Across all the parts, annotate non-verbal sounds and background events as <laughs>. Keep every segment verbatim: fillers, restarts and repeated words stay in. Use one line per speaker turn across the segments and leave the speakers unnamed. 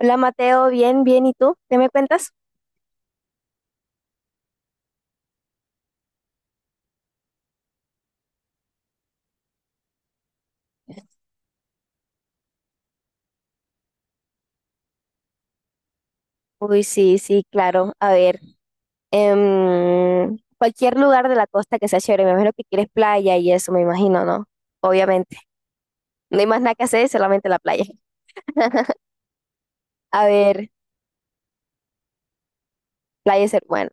Hola Mateo, bien, bien, ¿y tú? ¿Qué me cuentas? Uy, sí, sí, claro. A ver, em, cualquier lugar de la costa que sea chévere, me imagino que quieres playa y eso, me imagino, ¿no? Obviamente. No hay más nada que hacer, solamente la playa. A ver, playa ser bueno.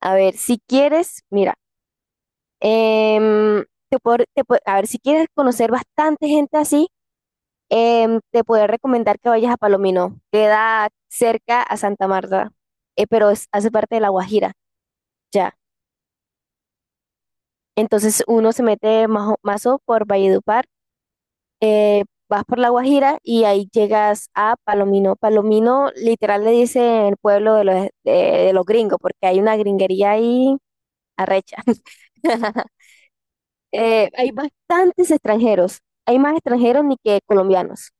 A ver, si quieres, mira, em, te puedo- te puedo- a ver, si quieres conocer bastante gente así, em, te puedo recomendar que vayas a Palomino. Queda cerca a Santa Marta, eh, pero es- hace parte de La Guajira. Ya. Entonces uno se mete majo- mazo por Valledupar, eh, vas por La Guajira y ahí llegas a Palomino. Palomino literal le dice el pueblo de los, de, de los gringos, porque hay una gringería ahí arrecha. <laughs> Eh, hay bastantes extranjeros, hay más extranjeros ni que colombianos,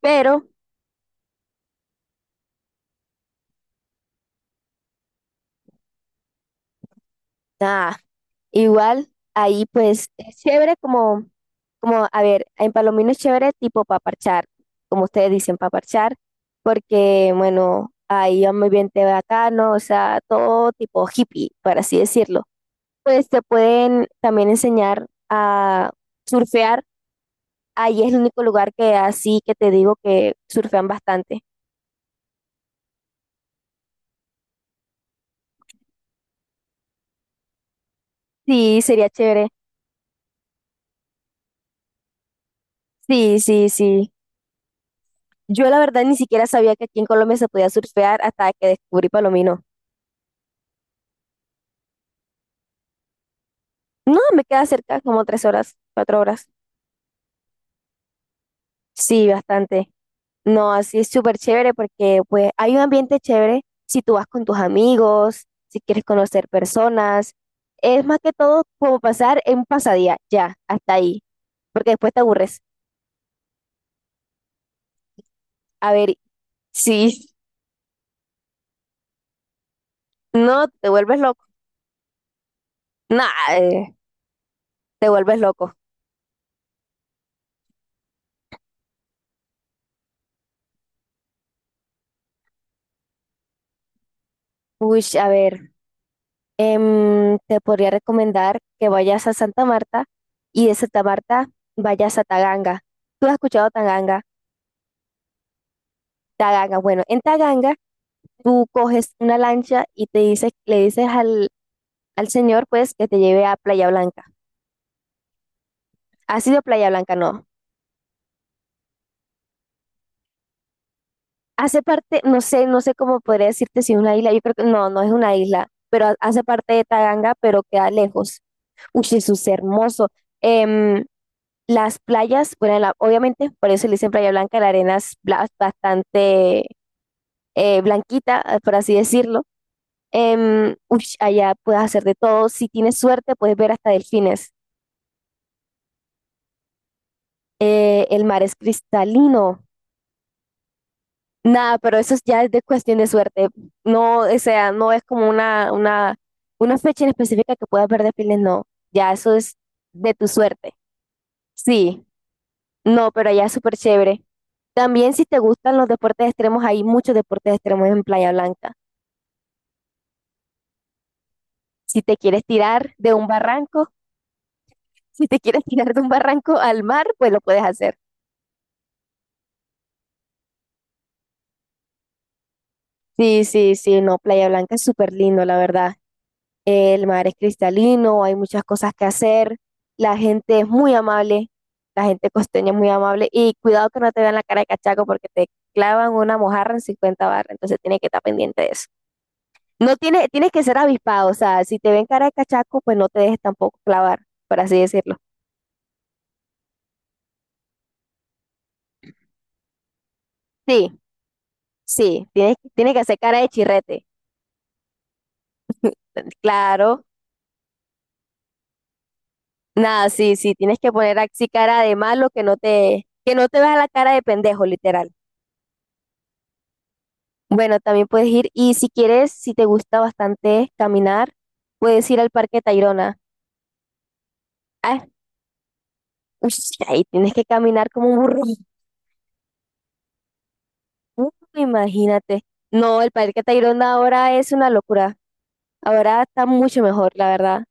pero nada. Igual, ahí pues es chévere como, como, a ver, en Palomino es chévere tipo paparchar, como ustedes dicen, paparchar, porque bueno, ahí va muy bien te bacano, o sea, todo tipo hippie, por así decirlo. Pues te pueden también enseñar a surfear, ahí es el único lugar que así que te digo que surfean bastante. Sí, sería chévere. Sí, sí, sí. Yo la verdad ni siquiera sabía que aquí en Colombia se podía surfear hasta que descubrí Palomino. No, me queda cerca como tres horas, cuatro horas. Sí, bastante. No, así es súper chévere porque pues hay un ambiente chévere si tú vas con tus amigos, si quieres conocer personas. Es más que todo como pasar en un pasadía, ya, hasta ahí. Porque después te aburres. A ver, sí, <laughs> no, te vuelves loco. Nah, eh, te vuelves loco. Uy, a ver, em, te podría recomendar que vayas a Santa Marta y de Santa Marta vayas a Taganga. ¿Tú has escuchado Taganga? Taganga, bueno, en Taganga tú coges una lancha y te dices, le dices al, al señor pues que te lleve a Playa Blanca. ¿Ha sido Playa Blanca? No. Hace parte, no sé, no sé cómo podría decirte si es una isla, yo creo que no, no es una isla, pero ha- hace parte de Taganga, pero queda lejos. Uy, Jesús, hermoso. Em, las playas, bueno, la- obviamente, por eso le dicen Playa Blanca, la arena es bla- bastante eh, blanquita, eh, por así decirlo. Em, uy, allá puedes hacer de todo. Si tienes suerte, puedes ver hasta delfines. Eh, el mar es cristalino. Nada, pero eso es ya es de cuestión de suerte. No, o sea, no es como una, una, una fecha en específica que puedas ver delfines, no. Ya eso es de tu suerte. Sí, no, pero allá es súper chévere. También si te gustan los deportes extremos, hay muchos deportes extremos en Playa Blanca. Si te quieres tirar de un barranco, <laughs> si te quieres tirar de un barranco al mar, pues lo puedes hacer. Sí, sí, sí, no, Playa Blanca es súper lindo, la verdad. El mar es cristalino, hay muchas cosas que hacer, la gente es muy amable, la gente costeña es muy amable y cuidado que no te vean la cara de cachaco porque te clavan una mojarra en cincuenta barras, entonces tienes que estar pendiente de eso. No tiene, tienes que ser avispado, o sea, si te ven cara de cachaco, pues no te dejes tampoco clavar, por así decirlo. Sí, sí, tienes, tienes que hacer cara de chirrete, claro. Nada, sí, sí, tienes que poner así cara de malo que no te, que no te veas la cara de pendejo, literal. Bueno, también puedes ir y si quieres, si te gusta bastante caminar, puedes ir al Parque Tayrona. Ah, uy, <laughs> ahí tienes que caminar como un burro. Uh, imagínate. No, el Parque Tayrona ahora es una locura. Ahora está mucho mejor, la verdad.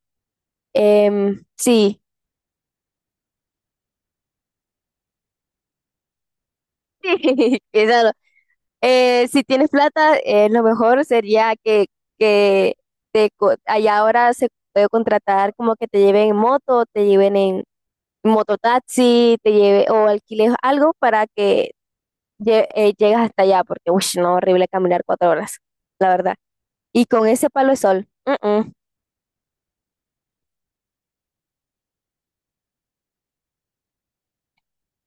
Em, sí, <laughs> sí, Eh, si tienes plata, eh, lo mejor sería que, que te, co- allá ahora se puede contratar como que te lleven en moto, te lleven en mototaxi, te lleve o alquiles algo para que lle- eh, llegues hasta allá, porque uy, no, horrible caminar cuatro horas, la verdad. Y con ese palo de sol, mm, mm,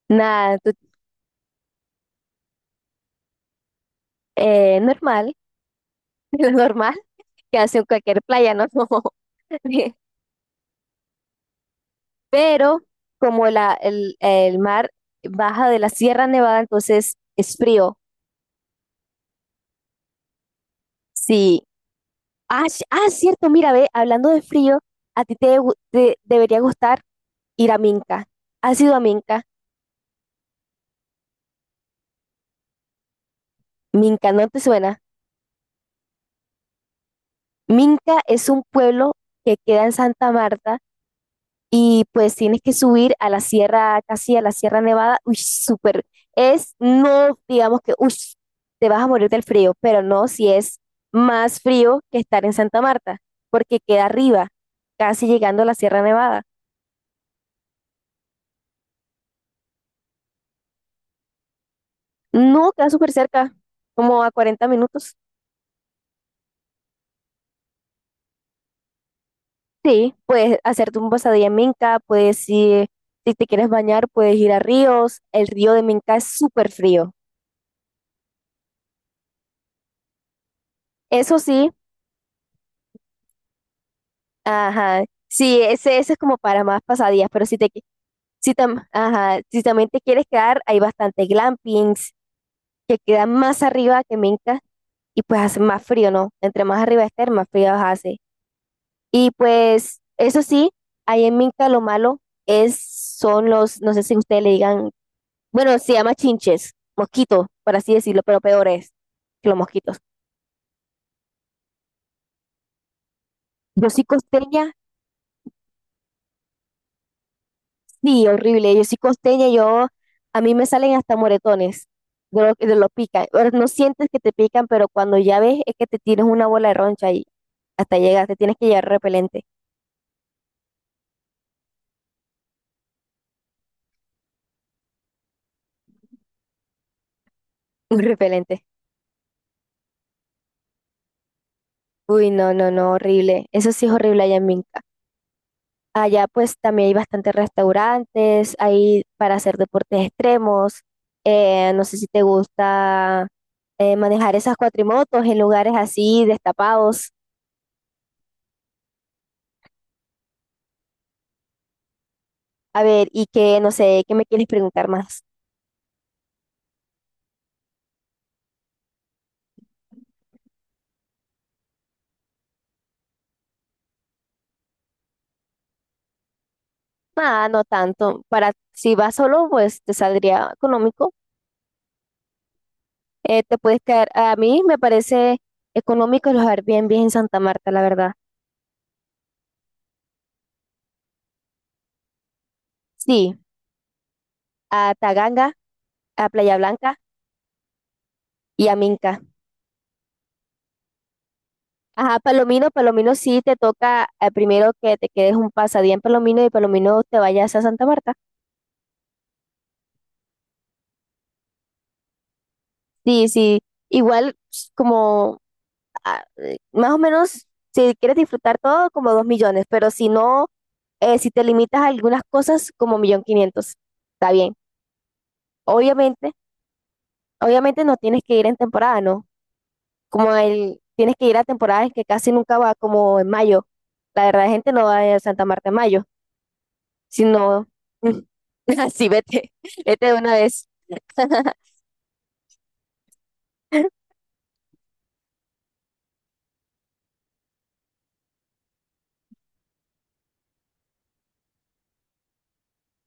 nada, tú- eh, normal, <laughs> lo normal que hace en cualquier playa, ¿no? <laughs> pero como la, el, el mar baja de la Sierra Nevada, entonces es frío. Sí. Ah, sh- ah, cierto, mira, ve, hablando de frío, a ti te, debe gu- te debería gustar ir a Minca. ¿Has ido a Minca? Minca, ¿no te suena? Minca es un pueblo que queda en Santa Marta y pues tienes que subir a la sierra, casi a la Sierra Nevada, uy, súper, es, no digamos que, uy, te vas a morir del frío, pero no si es más frío que estar en Santa Marta, porque queda arriba, casi llegando a la Sierra Nevada. No, queda súper cerca, como a cuarenta minutos. Sí, puedes hacerte un pasadía en Minca, puedes ir, si te quieres bañar, puedes ir a ríos, el río de Minca es súper frío. Eso sí, ajá, sí, ese, ese es como para más pasadías, pero si te, qui- Si, tam- ajá, si también te quieres quedar, hay bastantes glampings que quedan más arriba que Minca y pues hace más frío, ¿no? Entre más arriba estés, más frío hace. Y pues eso sí, ahí en Minca lo malo es, son los, no sé si ustedes le digan, bueno, se llama chinches, mosquitos, por así decirlo, pero peor es que los mosquitos. Yo soy costeña. Sí, horrible. Yo soy costeña, yo a mí me salen hasta moretones de lo, de lo pican. Ahora, no sientes que te pican, pero cuando ya ves es que te tienes una bola de roncha y hasta llegas, te tienes que llevar repelente, <laughs> un repelente. Uy, no, no, no, horrible. Eso sí es horrible allá en Minca. Allá pues también hay bastantes restaurantes, hay para hacer deportes extremos. Eh, no sé si te gusta eh, manejar esas cuatrimotos en lugares así destapados. A ver, y que no sé, ¿qué me quieres preguntar más? Nada, no tanto. Para si vas solo, pues te saldría económico. Eh, te puedes quedar. A mí me parece económico los Airbnb en Santa Marta, la verdad. Sí, a Taganga, a Playa Blanca y a Minca. Ajá, Palomino, Palomino sí te toca eh, primero que te quedes un pasadía en Palomino y Palomino te vayas a Santa Marta. Sí, sí. Igual ps, como ah, eh, más o menos si quieres disfrutar todo, como dos millones, pero si no eh, si te limitas a algunas cosas como millón quinientos está bien. Obviamente, obviamente no tienes que ir en temporada, ¿no? Como el, tienes que ir a temporadas que casi nunca va, como en mayo. La verdad, la gente no va a Santa Marta en mayo, sino <laughs> así vete, <laughs> vete de una vez. <laughs>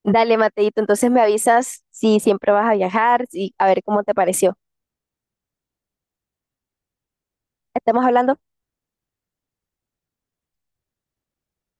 Dale, Mateito, entonces me avisas si siempre vas a viajar y a ver cómo te pareció. Estamos hablando.